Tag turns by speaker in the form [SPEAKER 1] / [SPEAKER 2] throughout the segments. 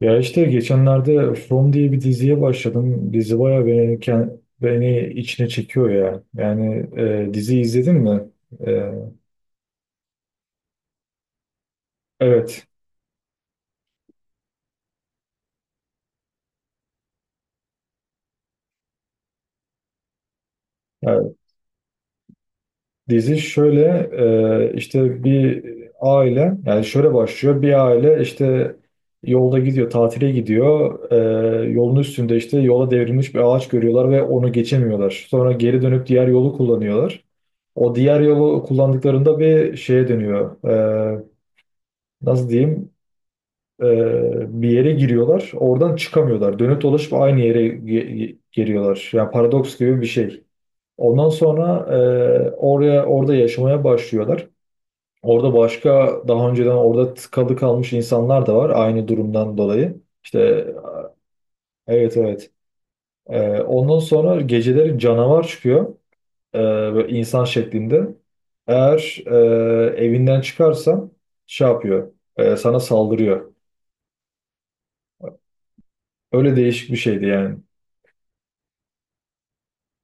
[SPEAKER 1] Ya işte geçenlerde From diye bir diziye başladım. Dizi bayağı beni içine çekiyor ya. Yani dizi izledin mi? E, evet. Yani dizi şöyle işte bir aile yani şöyle başlıyor. Bir aile işte yolda gidiyor, tatile gidiyor. Yolun üstünde işte yola devrilmiş bir ağaç görüyorlar ve onu geçemiyorlar. Sonra geri dönüp diğer yolu kullanıyorlar. O diğer yolu kullandıklarında bir şeye dönüyor. E, Nasıl diyeyim? Ee, Bir yere giriyorlar. Oradan çıkamıyorlar. Dönüp dolaşıp aynı yere geliyorlar. Yani paradoks gibi bir şey. Ondan sonra orada yaşamaya başlıyorlar. Orada başka daha önceden orada tıkalı kalmış insanlar da var aynı durumdan dolayı. İşte evet, evet. Ondan sonra geceleri canavar çıkıyor. Böyle insan şeklinde. Eğer evinden çıkarsan şey yapıyor, sana saldırıyor. Öyle değişik bir şeydi yani.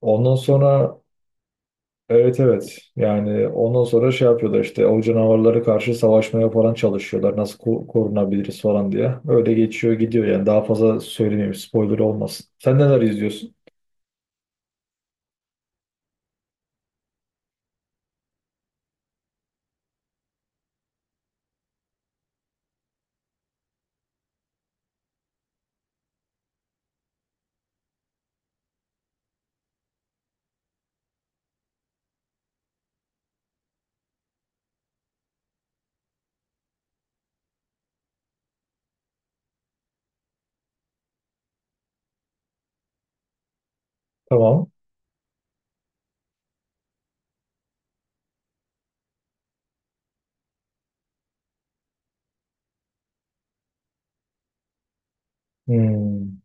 [SPEAKER 1] Ondan sonra evet, evet, yani ondan sonra şey yapıyorlar, işte o canavarlara karşı savaşmaya falan çalışıyorlar, nasıl korunabiliriz falan diye. Öyle geçiyor gidiyor yani, daha fazla söylemeyeyim, spoiler olmasın. Sen neler izliyorsun? Tamam. Hmm.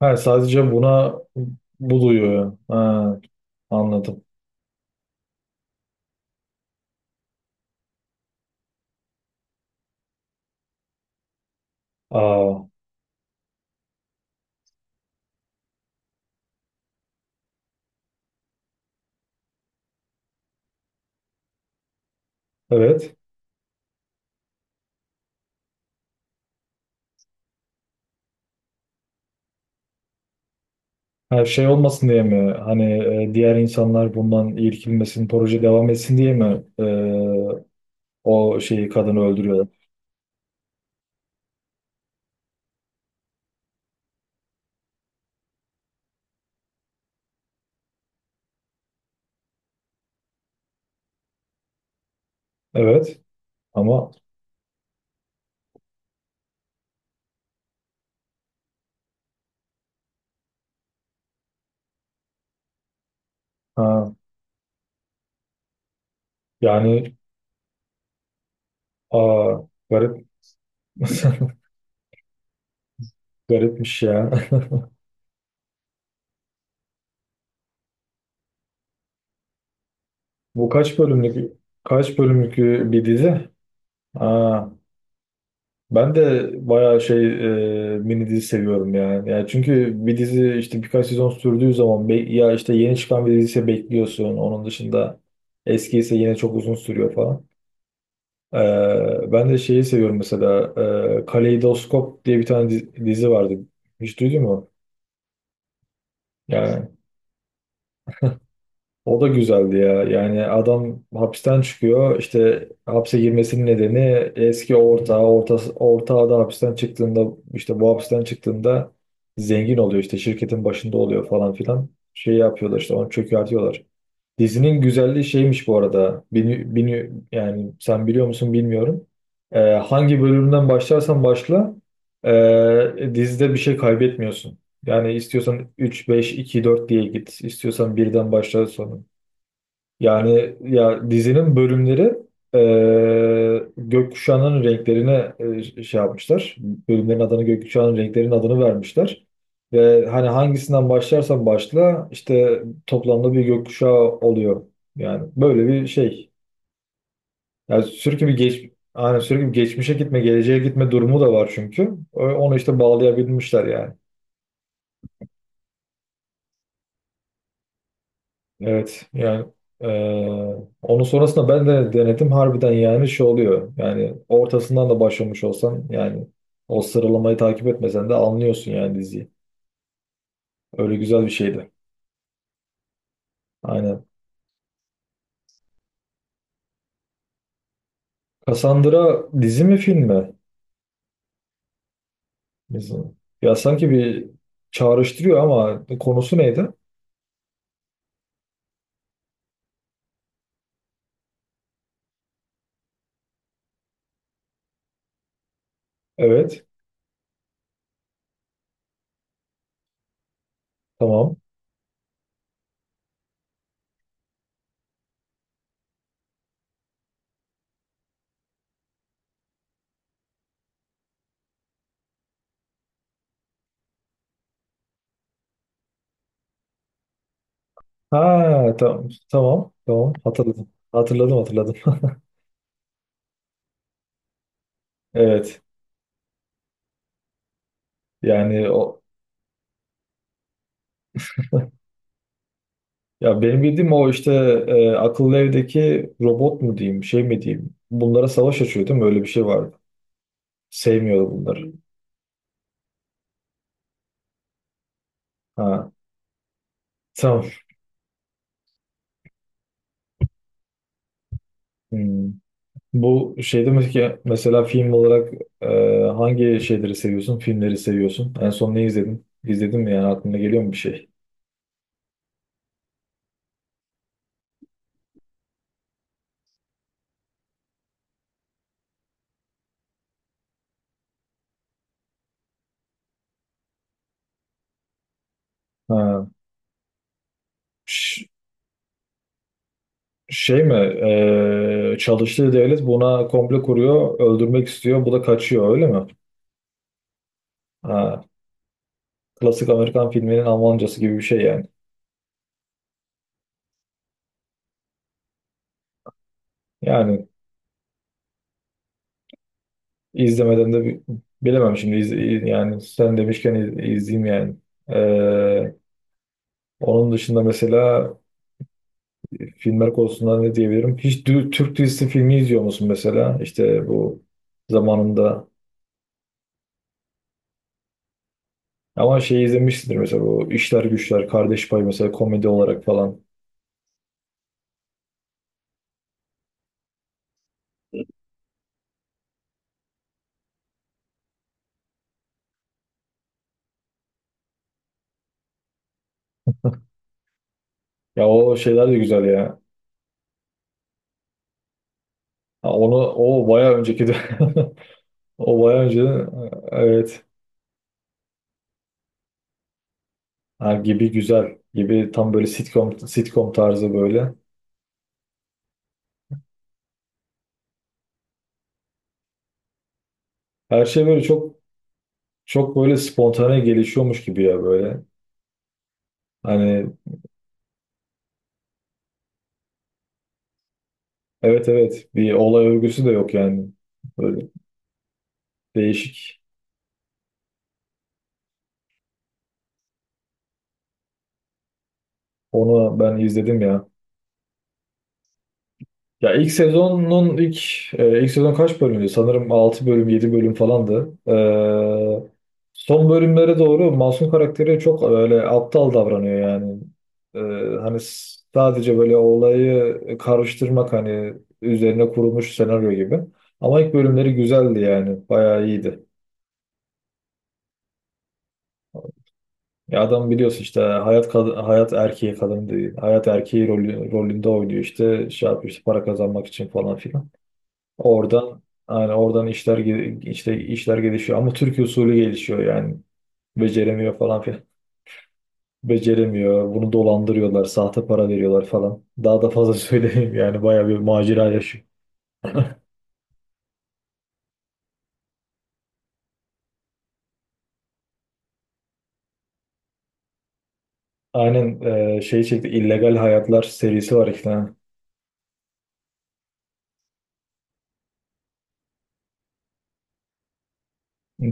[SPEAKER 1] Ha, sadece bu duyuyor, yani. Ha, anladım. Aa, evet. Her şey olmasın diye mi? Hani diğer insanlar bundan irkilmesin, proje devam etsin diye mi o şeyi, kadını öldürüyorlar? Evet. Ama ha, yani, aa, garip garipmiş ya. Bu kaç bölümlük bir dizi? Ha, ben de bayağı şey, mini dizi seviyorum yani. Yani çünkü bir dizi işte birkaç sezon sürdüğü zaman ya işte yeni çıkan bir diziyse bekliyorsun. Onun dışında eski ise yine çok uzun sürüyor falan. Ben de şeyi seviyorum mesela, Kaleidoskop diye bir tane dizi vardı. Hiç duydun mu? Yani o da güzeldi ya. Yani adam hapisten çıkıyor. İşte hapse girmesinin nedeni eski ortağı da hapisten çıktığında, işte bu hapisten çıktığında zengin oluyor, işte şirketin başında oluyor falan filan. Şey yapıyorlar, işte onu çökertiyorlar. Dizinin güzelliği şeymiş bu arada. Yani sen biliyor musun bilmiyorum. Hangi bölümden başlarsan başla, dizide bir şey kaybetmiyorsun. Yani istiyorsan 3 5 2 4 diye git. İstiyorsan birden başla sonra. Yani ya, dizinin bölümleri e, gökkuşağının renklerine şey yapmışlar. Bölümlerin adını gökkuşağının renklerinin adını vermişler. Ve hani hangisinden başlarsan başla, işte toplamda bir gökkuşağı oluyor. Yani böyle bir şey. Yani sürekli bir geç hani sürekli bir geçmişe gitme, geleceğe gitme durumu da var çünkü. Onu işte bağlayabilmişler yani. Evet yani, eee, onun sonrasında ben de denedim harbiden, yani şey oluyor yani, ortasından da başlamış olsan, yani o sıralamayı takip etmesen de anlıyorsun yani diziyi. Öyle güzel bir şeydi. Aynen. Cassandra dizi mi film mi? Dizi. Ya sanki bir çağrıştırıyor ama konusu neydi? Evet. Tamam. Ha, tamam tamam tamam, hatırladım. Hatırladım, hatırladım. Evet. Yani o. Ya benim bildiğim o, işte akıllı evdeki robot mu diyeyim, şey mi diyeyim. Bunlara savaş açıyor değil mi? Öyle bir şey vardı. Sevmiyordu bunları. Ha, tamam. Hmm. Bu şey demek ki mesela film olarak e, hangi şeyleri seviyorsun? Filmleri seviyorsun. En son ne izledin? İzledin mi yani, aklına geliyor mu bir şey? Ha, ş- şey mi? E, çalıştığı devlet buna komple kuruyor, öldürmek istiyor. Bu da kaçıyor öyle mi? Ha, klasik Amerikan filminin Almancası gibi bir şey yani. Yani İzlemeden de bilemem şimdi, yani sen demişken izleyeyim yani. Ee, Onun dışında mesela filmler konusunda ne diyebilirim? Hiç Türk dizisi filmi izliyor musun mesela? İşte bu zamanında ama şey izlemişsindir mesela, bu İşler Güçler, Kardeş Payı mesela, komedi olarak falan. Ya o şeyler de güzel ya. Ha, onu o bayağı önceki de o bayağı önce, evet. Ha, gibi güzel. Gibi tam böyle sitcom sitcom tarzı böyle. Her şey böyle çok. Çok böyle spontane gelişiyormuş gibi ya, böyle. Hani evet, evet, bir olay örgüsü de yok yani. Böyle değişik. Onu ben izledim ya. Ya ilk sezonun ilk, ilk sezon kaç bölümdü? Sanırım 6 bölüm 7 bölüm falandı. Son bölümlere doğru Masum karakteri çok öyle aptal davranıyor yani. Ee, Hani sadece böyle olayı karıştırmak hani, üzerine kurulmuş senaryo gibi. Ama ilk bölümleri güzeldi yani. Bayağı iyiydi. Ya adam biliyorsun işte hayat hayat erkeği kadın değil. Hayat erkeği rolünde oynuyor, işte şey yapıyor, işte para kazanmak için falan filan. Oradan, yani oradan işler işte işler gelişiyor ama Türk usulü gelişiyor yani. Beceremiyor falan filan. Beceremiyor. Bunu dolandırıyorlar, sahte para veriyorlar falan. Daha da fazla söyleyeyim yani, bayağı bir macera yaşıyor. Aynen, şey çekti, illegal Hayatlar serisi var, iki tane.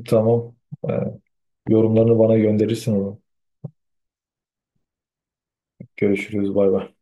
[SPEAKER 1] Tamam. E, Yorumlarını bana gönderirsin onu. Görüşürüz, bay bay.